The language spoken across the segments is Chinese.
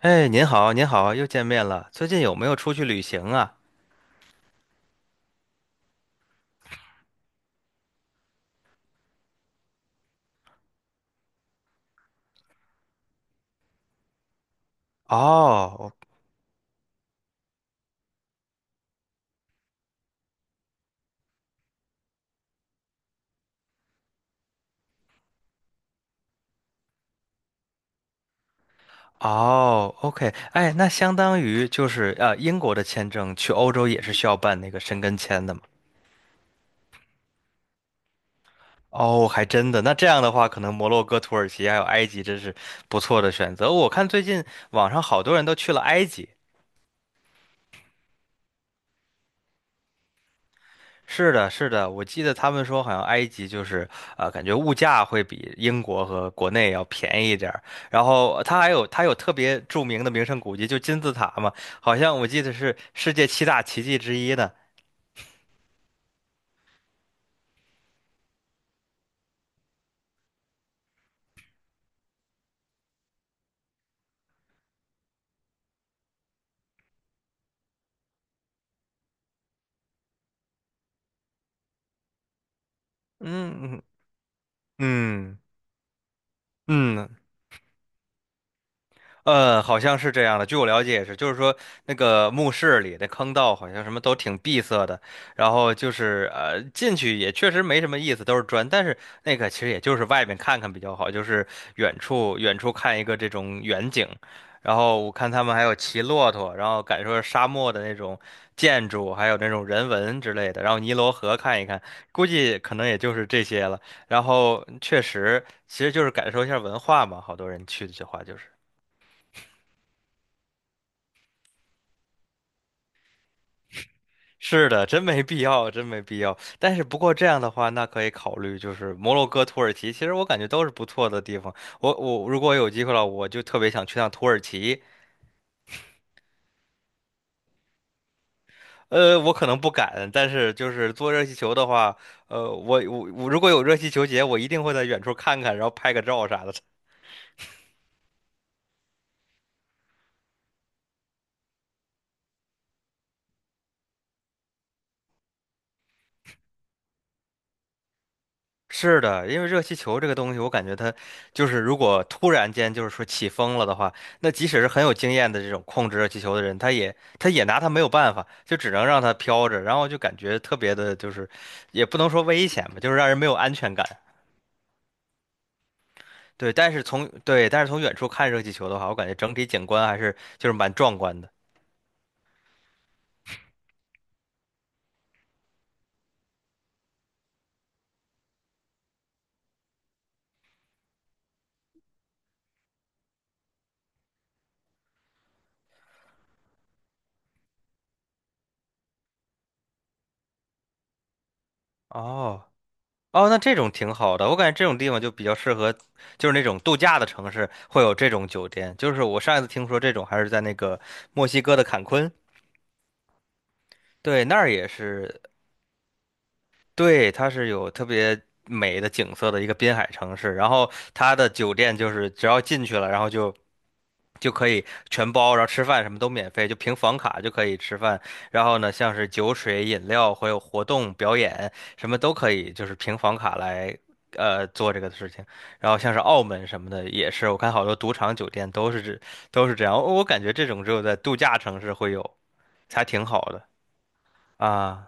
哎，您好，您好，又见面了。最近有没有出去旅行啊？哦，哦，OK，哎，那相当于就是英国的签证去欧洲也是需要办那个申根签的嘛？哦，还真的。那这样的话，可能摩洛哥、土耳其还有埃及真是不错的选择。我看最近网上好多人都去了埃及。是的，是的，我记得他们说好像埃及就是，感觉物价会比英国和国内要便宜一点儿。然后它还有它有特别著名的名胜古迹，就金字塔嘛，好像我记得是世界七大奇迹之一的。嗯嗯嗯。嗯。好像是这样的。据我了解也是，就是说那个墓室里的坑道好像什么都挺闭塞的，然后就是进去也确实没什么意思，都是砖。但是那个其实也就是外面看看比较好，就是远处看一个这种远景。然后我看他们还有骑骆驼，然后感受沙漠的那种建筑，还有那种人文之类的。然后尼罗河看一看，估计可能也就是这些了。然后确实，其实就是感受一下文化嘛，好多人去的话就是。是的，真没必要，真没必要。但是不过这样的话，那可以考虑就是摩洛哥、土耳其，其实我感觉都是不错的地方。我如果有机会了，我就特别想去趟土耳其。呃，我可能不敢，但是就是坐热气球的话，我如果有热气球节，我一定会在远处看看，然后拍个照啥的。是的，因为热气球这个东西，我感觉它就是如果突然间就是说起风了的话，那即使是很有经验的这种控制热气球的人，他也拿它没有办法，就只能让它飘着，然后就感觉特别的，就是也不能说危险吧，就是让人没有安全感。对，但是从远处看热气球的话，我感觉整体景观还是就是蛮壮观的。哦。哦，那这种挺好的，我感觉这种地方就比较适合，就是那种度假的城市会有这种酒店。就是我上一次听说这种还是在那个墨西哥的坎昆，对，那儿也是，对，它是有特别美的景色的一个滨海城市。然后它的酒店就是只要进去了，然后就可以全包，然后吃饭什么都免费，就凭房卡就可以吃饭。然后呢，像是酒水、饮料，还有活动、表演，什么都可以，就是凭房卡来做这个事情。然后像是澳门什么的，也是我看好多赌场酒店都是这样。我感觉这种只有在度假城市会有，才挺好的啊。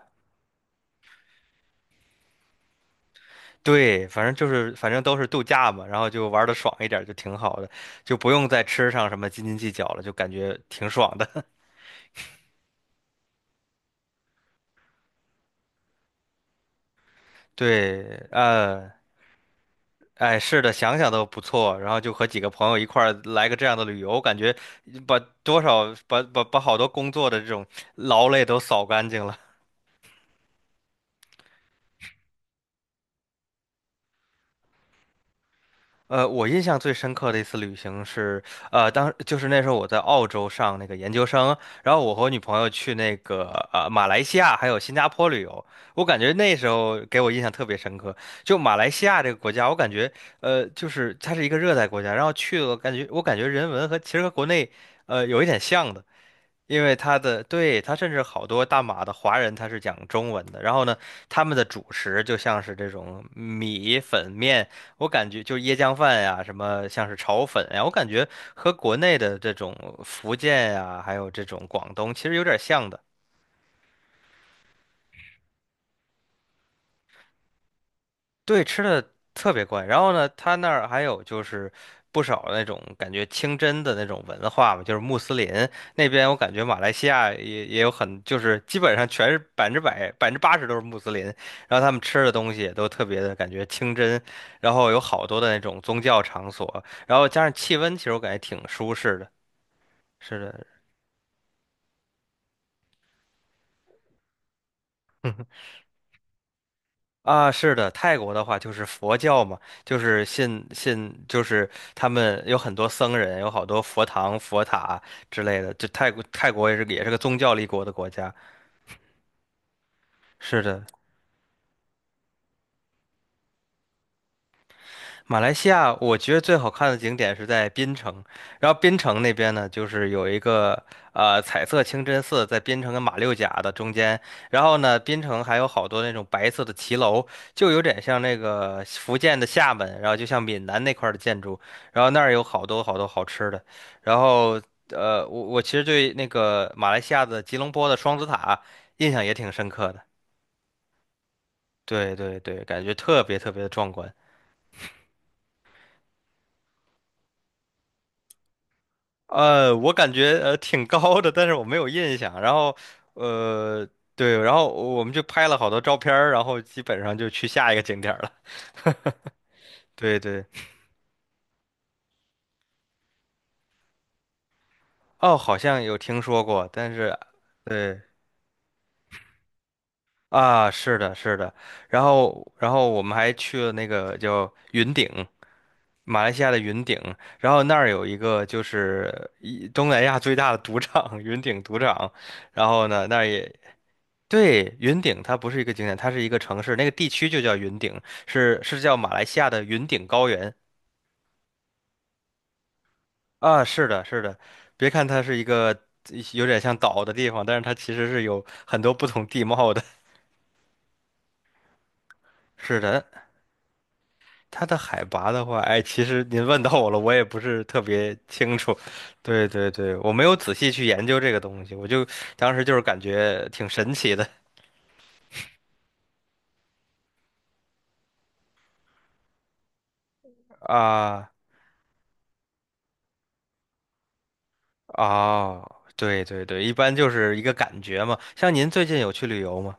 对，反正就是反正都是度假嘛，然后就玩的爽一点儿就挺好的，就不用在吃上什么斤斤计较了，就感觉挺爽的。对，呃。哎，是的，想想都不错。然后就和几个朋友一块儿来个这样的旅游，我感觉把多少把把把好多工作的这种劳累都扫干净了。呃，我印象最深刻的一次旅行是，就是那时候我在澳洲上那个研究生，然后我和我女朋友去那个马来西亚还有新加坡旅游，我感觉那时候给我印象特别深刻。就马来西亚这个国家，我感觉就是它是一个热带国家，然后去了感觉我感觉人文和其实和国内有一点像的。因为他的，对，他甚至好多大马的华人他是讲中文的，然后呢，他们的主食就像是这种米粉面，我感觉就是椰浆饭呀，什么像是炒粉呀，我感觉和国内的这种福建呀，还有这种广东其实有点像的。对，吃的特别怪。然后呢，他那儿还有就是不少那种感觉清真的那种文化嘛，就是穆斯林那边，我感觉马来西亚也有很，就是基本上全是100%、80%都是穆斯林。然后他们吃的东西也都特别的感觉清真，然后有好多的那种宗教场所，然后加上气温，其实我感觉挺舒适的。是的，啊，是的，泰国的话就是佛教嘛，就是信，就是他们有很多僧人，有好多佛堂、佛塔之类的。就泰国，泰国也是个宗教立国的国家。是的，马来西亚，我觉得最好看的景点是在槟城，然后槟城那边呢，就是有一个彩色清真寺，在槟城跟马六甲的中间，然后呢，槟城还有好多那种白色的骑楼，就有点像那个福建的厦门，然后就像闽南那块儿的建筑，然后那儿有好多好多好吃的，然后我其实对那个马来西亚的吉隆坡的双子塔印象也挺深刻的，对对对，感觉特别特别的壮观。我感觉挺高的，但是我没有印象。然后，呃，对，然后我们就拍了好多照片儿，然后基本上就去下一个景点儿了。对对，哦，好像有听说过，但是，对啊，是的，是的。然后，然后我们还去了那个叫云顶，马来西亚的云顶。然后那儿有一个就是一东南亚最大的赌场，云顶赌场。然后呢，那儿也。对，云顶它不是一个景点，它是一个城市，那个地区就叫云顶，是叫马来西亚的云顶高原啊。是的，是的，别看它是一个有点像岛的地方，但是它其实是有很多不同地貌的。是的，它的海拔的话，哎，其实您问到我了，我也不是特别清楚。对对对，我没有仔细去研究这个东西，我就当时就是感觉挺神奇的啊。哦，对对对，一般就是一个感觉嘛。像您最近有去旅游吗？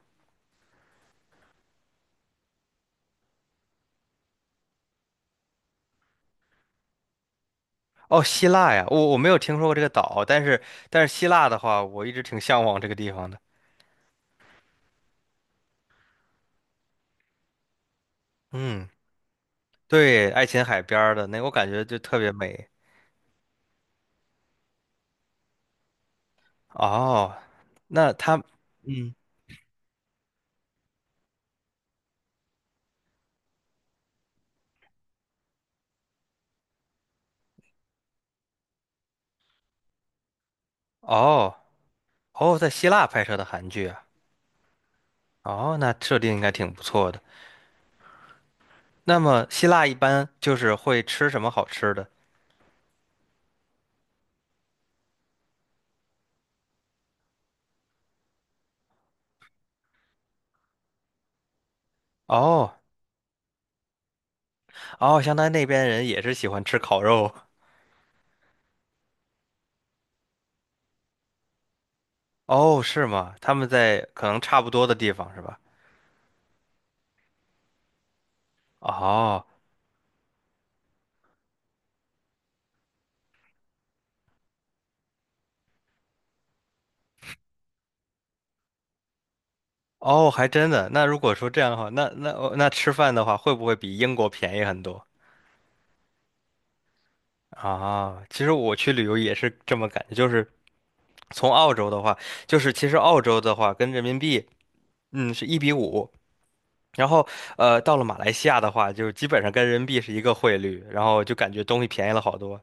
哦，希腊呀，我没有听说过这个岛，但是但是希腊的话，我一直挺向往这个地方的。嗯，对，爱琴海边儿的那，我感觉就特别美。哦，那他，嗯，哦哦，在希腊拍摄的韩剧啊，哦，那设定应该挺不错的。那么希腊一般就是会吃什么好吃的？哦哦，相当于那边人也是喜欢吃烤肉。哦，是吗？他们在可能差不多的地方是吧？哦。哦，还真的。那如果说这样的话，那那哦那吃饭的话，会不会比英国便宜很多啊？其实我去旅游也是这么感觉，就是从澳洲的话，就是其实澳洲的话跟人民币，嗯，是1:5。然后，呃，到了马来西亚的话，就基本上跟人民币是一个汇率，然后就感觉东西便宜了好多。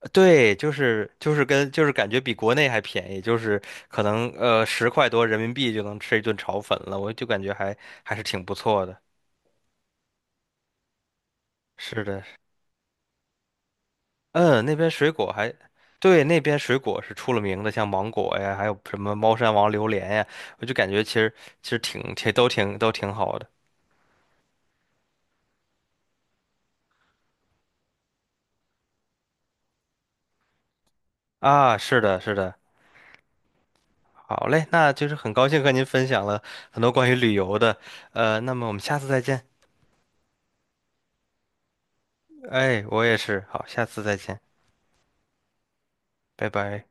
呃对，就是就是跟就是感觉比国内还便宜，就是可能10块多人民币就能吃一顿炒粉了，我就感觉还是挺不错的。是的。嗯，那边水果还，对，那边水果是出了名的，像芒果呀，还有什么猫山王榴莲呀，我就感觉其实挺好的啊。是的，是的，好嘞，那就是很高兴和您分享了很多关于旅游的，呃，那么我们下次再见。哎，我也是，好，下次再见，拜拜。